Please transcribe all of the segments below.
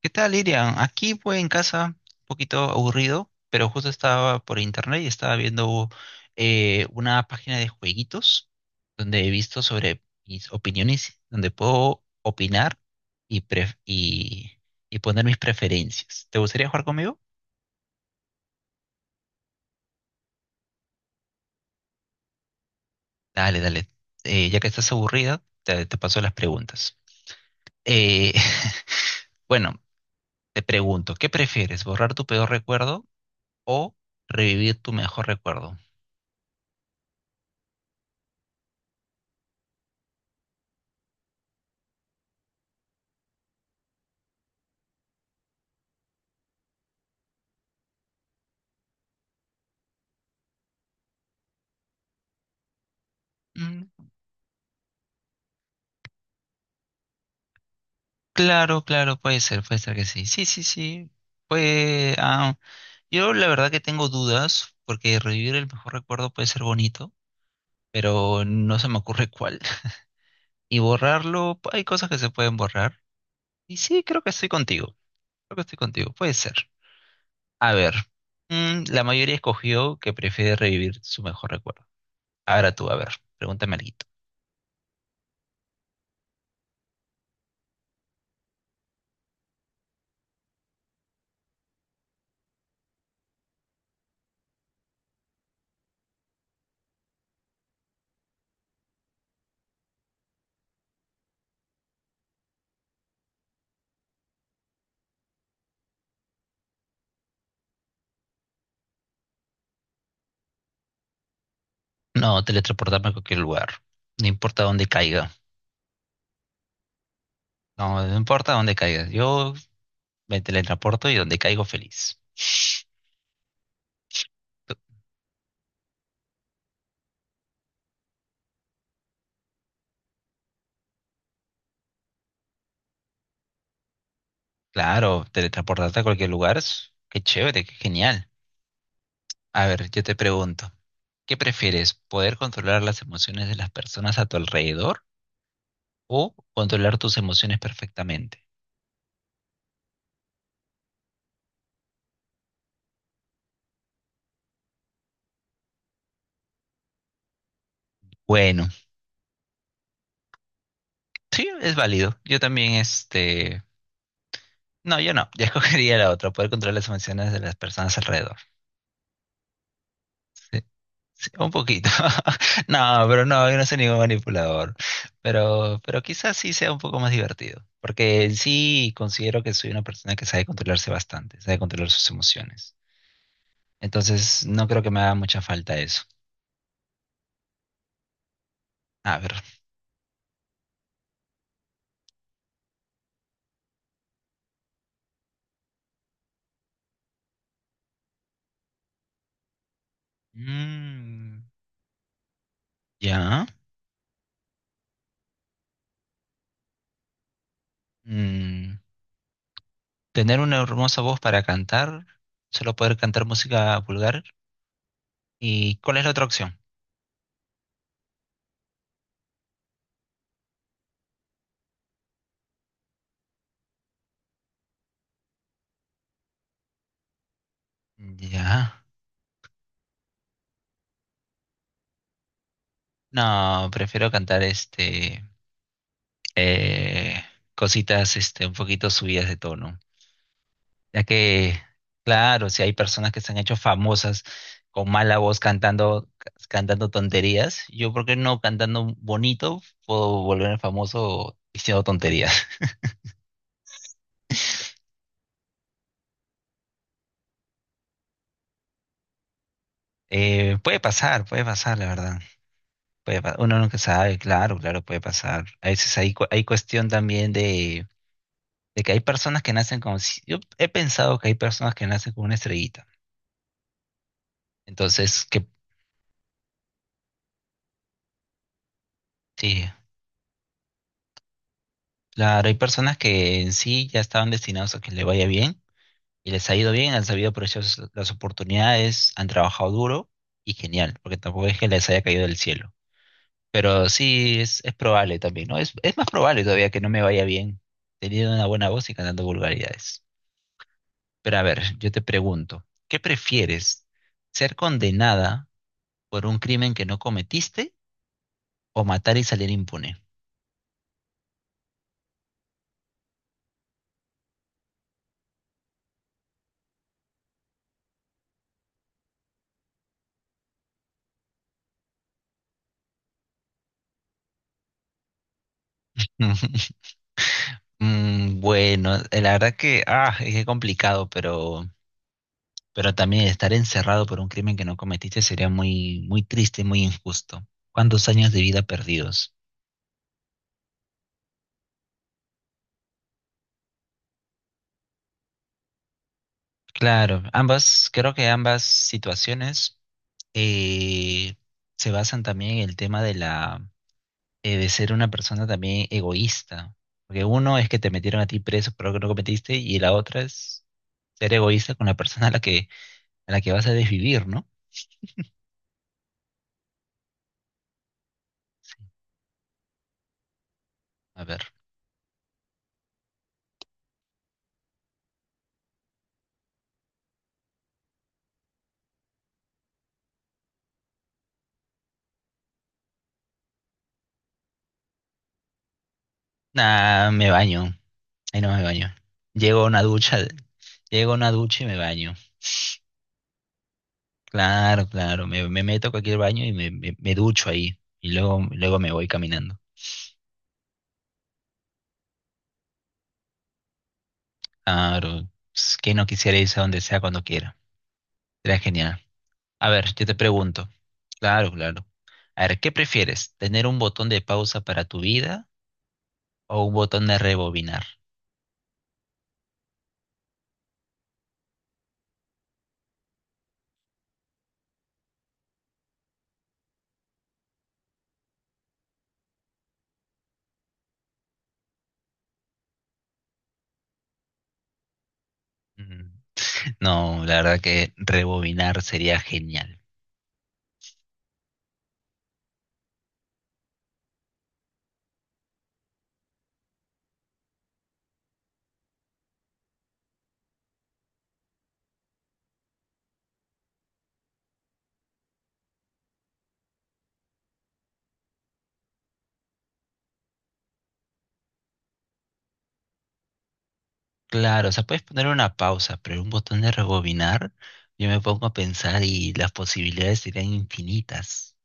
¿Qué tal, Irian? Aquí pues en casa, un poquito aburrido, pero justo estaba por internet y estaba viendo una página de jueguitos donde he visto sobre mis opiniones, donde puedo opinar y, pref- y, y poner mis preferencias. ¿Te gustaría jugar conmigo? Dale, dale. Ya que estás aburrida, te paso las preguntas. Eh, bueno, te pregunto, ¿qué prefieres? ¿Borrar tu peor recuerdo o revivir tu mejor recuerdo? Claro, claro, puede ser que sí. Sí, sí, sí. Pues, yo la verdad que tengo dudas, porque revivir el mejor recuerdo puede ser bonito, pero no se me ocurre cuál. Y borrarlo, hay cosas que se pueden borrar. Y sí, creo que estoy contigo. Creo que estoy contigo, puede ser. A ver, la mayoría escogió que prefiere revivir su mejor recuerdo. Ahora tú, a ver, pregúntame algo. No, teletransportarme a cualquier lugar. No importa dónde caiga. No, no importa dónde caiga. Yo me teletransporto y donde caigo feliz. Claro, teletransportarte a cualquier lugar, es- qué chévere, qué genial. A ver, yo te pregunto, ¿qué prefieres? ¿Poder controlar las emociones de las personas a tu alrededor o controlar tus emociones perfectamente? Bueno, sí, es válido. Yo también, este... No, yo no, yo escogería la otra, poder controlar las emociones de las personas alrededor. Sí. Sí, un poquito. No, pero no, yo no soy ningún manipulador. Pero quizás sí sea un poco más divertido. Porque en sí considero que soy una persona que sabe controlarse bastante, sabe controlar sus emociones. Entonces, no creo que me haga mucha falta eso. A ver. Mm, ya. Mm, tener una hermosa voz para cantar, solo poder cantar música vulgar. ¿Y cuál es la otra opción? Ya. No, prefiero cantar este. eh, cositas este, un poquito subidas de tono. Ya que, claro, si hay personas que se han hecho famosas con mala voz cantando, cantando tonterías, yo, ¿por qué no cantando bonito puedo volverme famoso diciendo tonterías? Puede pasar, puede pasar, la verdad. Puede pa- uno nunca sabe, claro, claro, puede pasar. A veces hay, cu- hay cuestión también de que hay personas que nacen con... si- Yo he pensado que hay personas que nacen con una estrellita. Entonces, que... Sí, claro, hay personas que en sí ya estaban destinados a que le vaya bien y les ha ido bien, han sabido aprovechar sus- las oportunidades, han trabajado duro y genial, porque tampoco es que les haya caído del cielo. Pero sí es probable también, ¿no? Es más probable todavía que no me vaya bien teniendo una buena voz y cantando vulgaridades. Pero a ver, yo te pregunto, ¿qué prefieres? ¿Ser condenada por un crimen que no cometiste o matar y salir impune? Bueno, la verdad que, es que complicado, pero también estar encerrado por un crimen que no cometiste sería muy, muy triste, muy injusto. ¿Cuántos años de vida perdidos? Claro, ambas, creo que ambas situaciones eh, se basan también en el tema de la de ser una persona también egoísta. Porque uno es que te metieron a ti preso por algo que no cometiste, y la otra es ser egoísta con la persona a la que vas a desvivir, ¿no? A ver. Nah, me baño. Ahí no me baño. Llego a una ducha, llego a una ducha y me baño. Claro, claro, me meto a cualquier baño y me ducho ahí y luego, luego me voy caminando. Claro, es que no quisiera irse a donde sea cuando quiera. Sería genial. A ver, yo te pregunto. Claro, claro. A ver, ¿qué prefieres? ¿Tener un botón de pausa para tu vida o un botón de rebobinar? Mm, No, la verdad que rebobinar sería genial. Claro, o sea, puedes poner una pausa, pero un botón de rebobinar, yo me pongo a pensar y las posibilidades serían infinitas.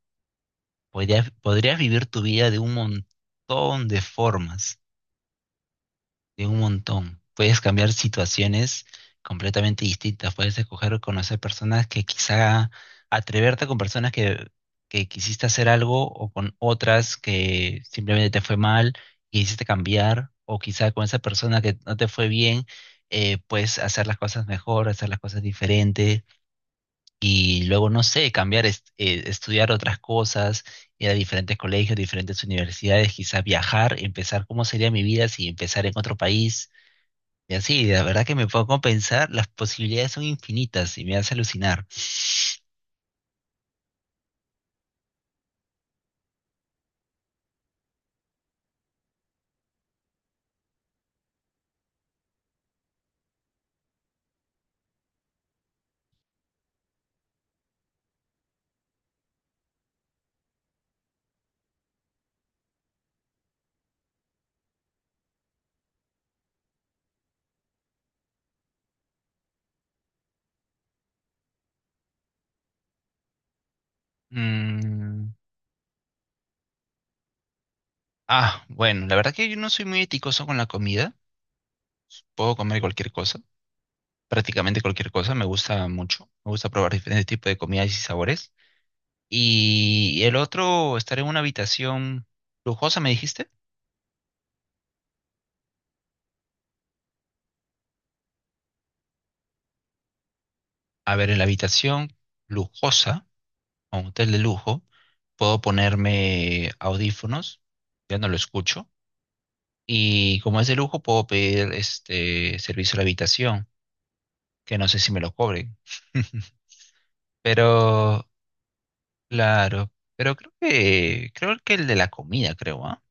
Podrías vivir tu vida de un montón de formas, de un montón. Puedes cambiar situaciones completamente distintas, puedes escoger conocer personas que quizá atreverte con personas que quisiste hacer algo o con otras que simplemente te fue mal y quisiste cambiar, o quizá con esa persona que no te fue bien, puedes hacer las cosas mejor, hacer las cosas diferentes y luego, no sé, cambiar, estudiar otras cosas, ir a diferentes colegios, diferentes universidades, quizás viajar, empezar cómo sería mi vida si empezar en otro país. Y así, la verdad que me puedo pensar, las posibilidades son infinitas y me hace alucinar. Mm, bueno, la verdad que yo no soy muy eticoso con la comida, puedo comer cualquier cosa, prácticamente cualquier cosa, me gusta mucho, me gusta probar diferentes tipos de comidas y sabores. Y el otro, estar en una habitación lujosa, ¿me dijiste? A ver, en la habitación lujosa, a un hotel de lujo, puedo ponerme audífonos, ya no lo escucho. Y como es de lujo, puedo pedir este servicio a la habitación, que no sé si me lo cobren. Pero, claro, pero creo que el de la comida, creo, ¿ah?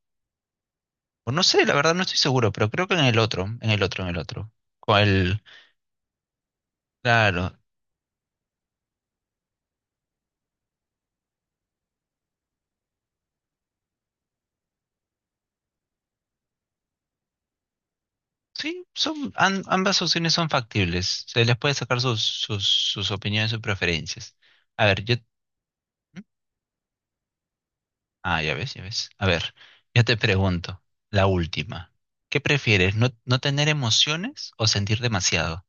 O no sé, la verdad no estoy seguro, pero creo que en el otro, en el otro, en el otro. Con el, claro, sí, son, am- ambas opciones son factibles. Se les puede sacar sus, sus, sus opiniones, sus preferencias. A ver, yo... Ah, ya ves, ya ves. A ver, yo te pregunto, la última. ¿Qué prefieres, no, no tener emociones o sentir demasiado?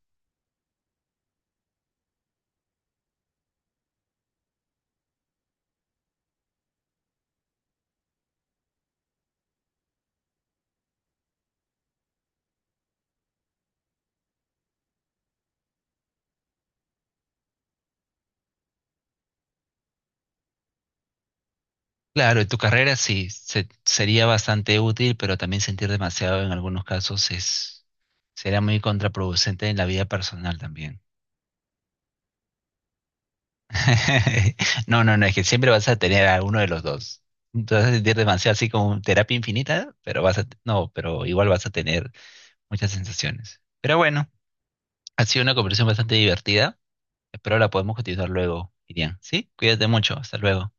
Claro, en tu carrera sí, se- sería bastante útil, pero también sentir demasiado en algunos casos es, será muy contraproducente en la vida personal también. No, no, no, es que siempre vas a tener a uno de los dos. Te vas a sentir demasiado así como terapia infinita, pero vas a, no, pero igual vas a tener muchas sensaciones. Pero bueno, ha sido una conversación bastante divertida. Espero la podemos continuar luego, Irian. ¿Sí? Cuídate mucho. Hasta luego.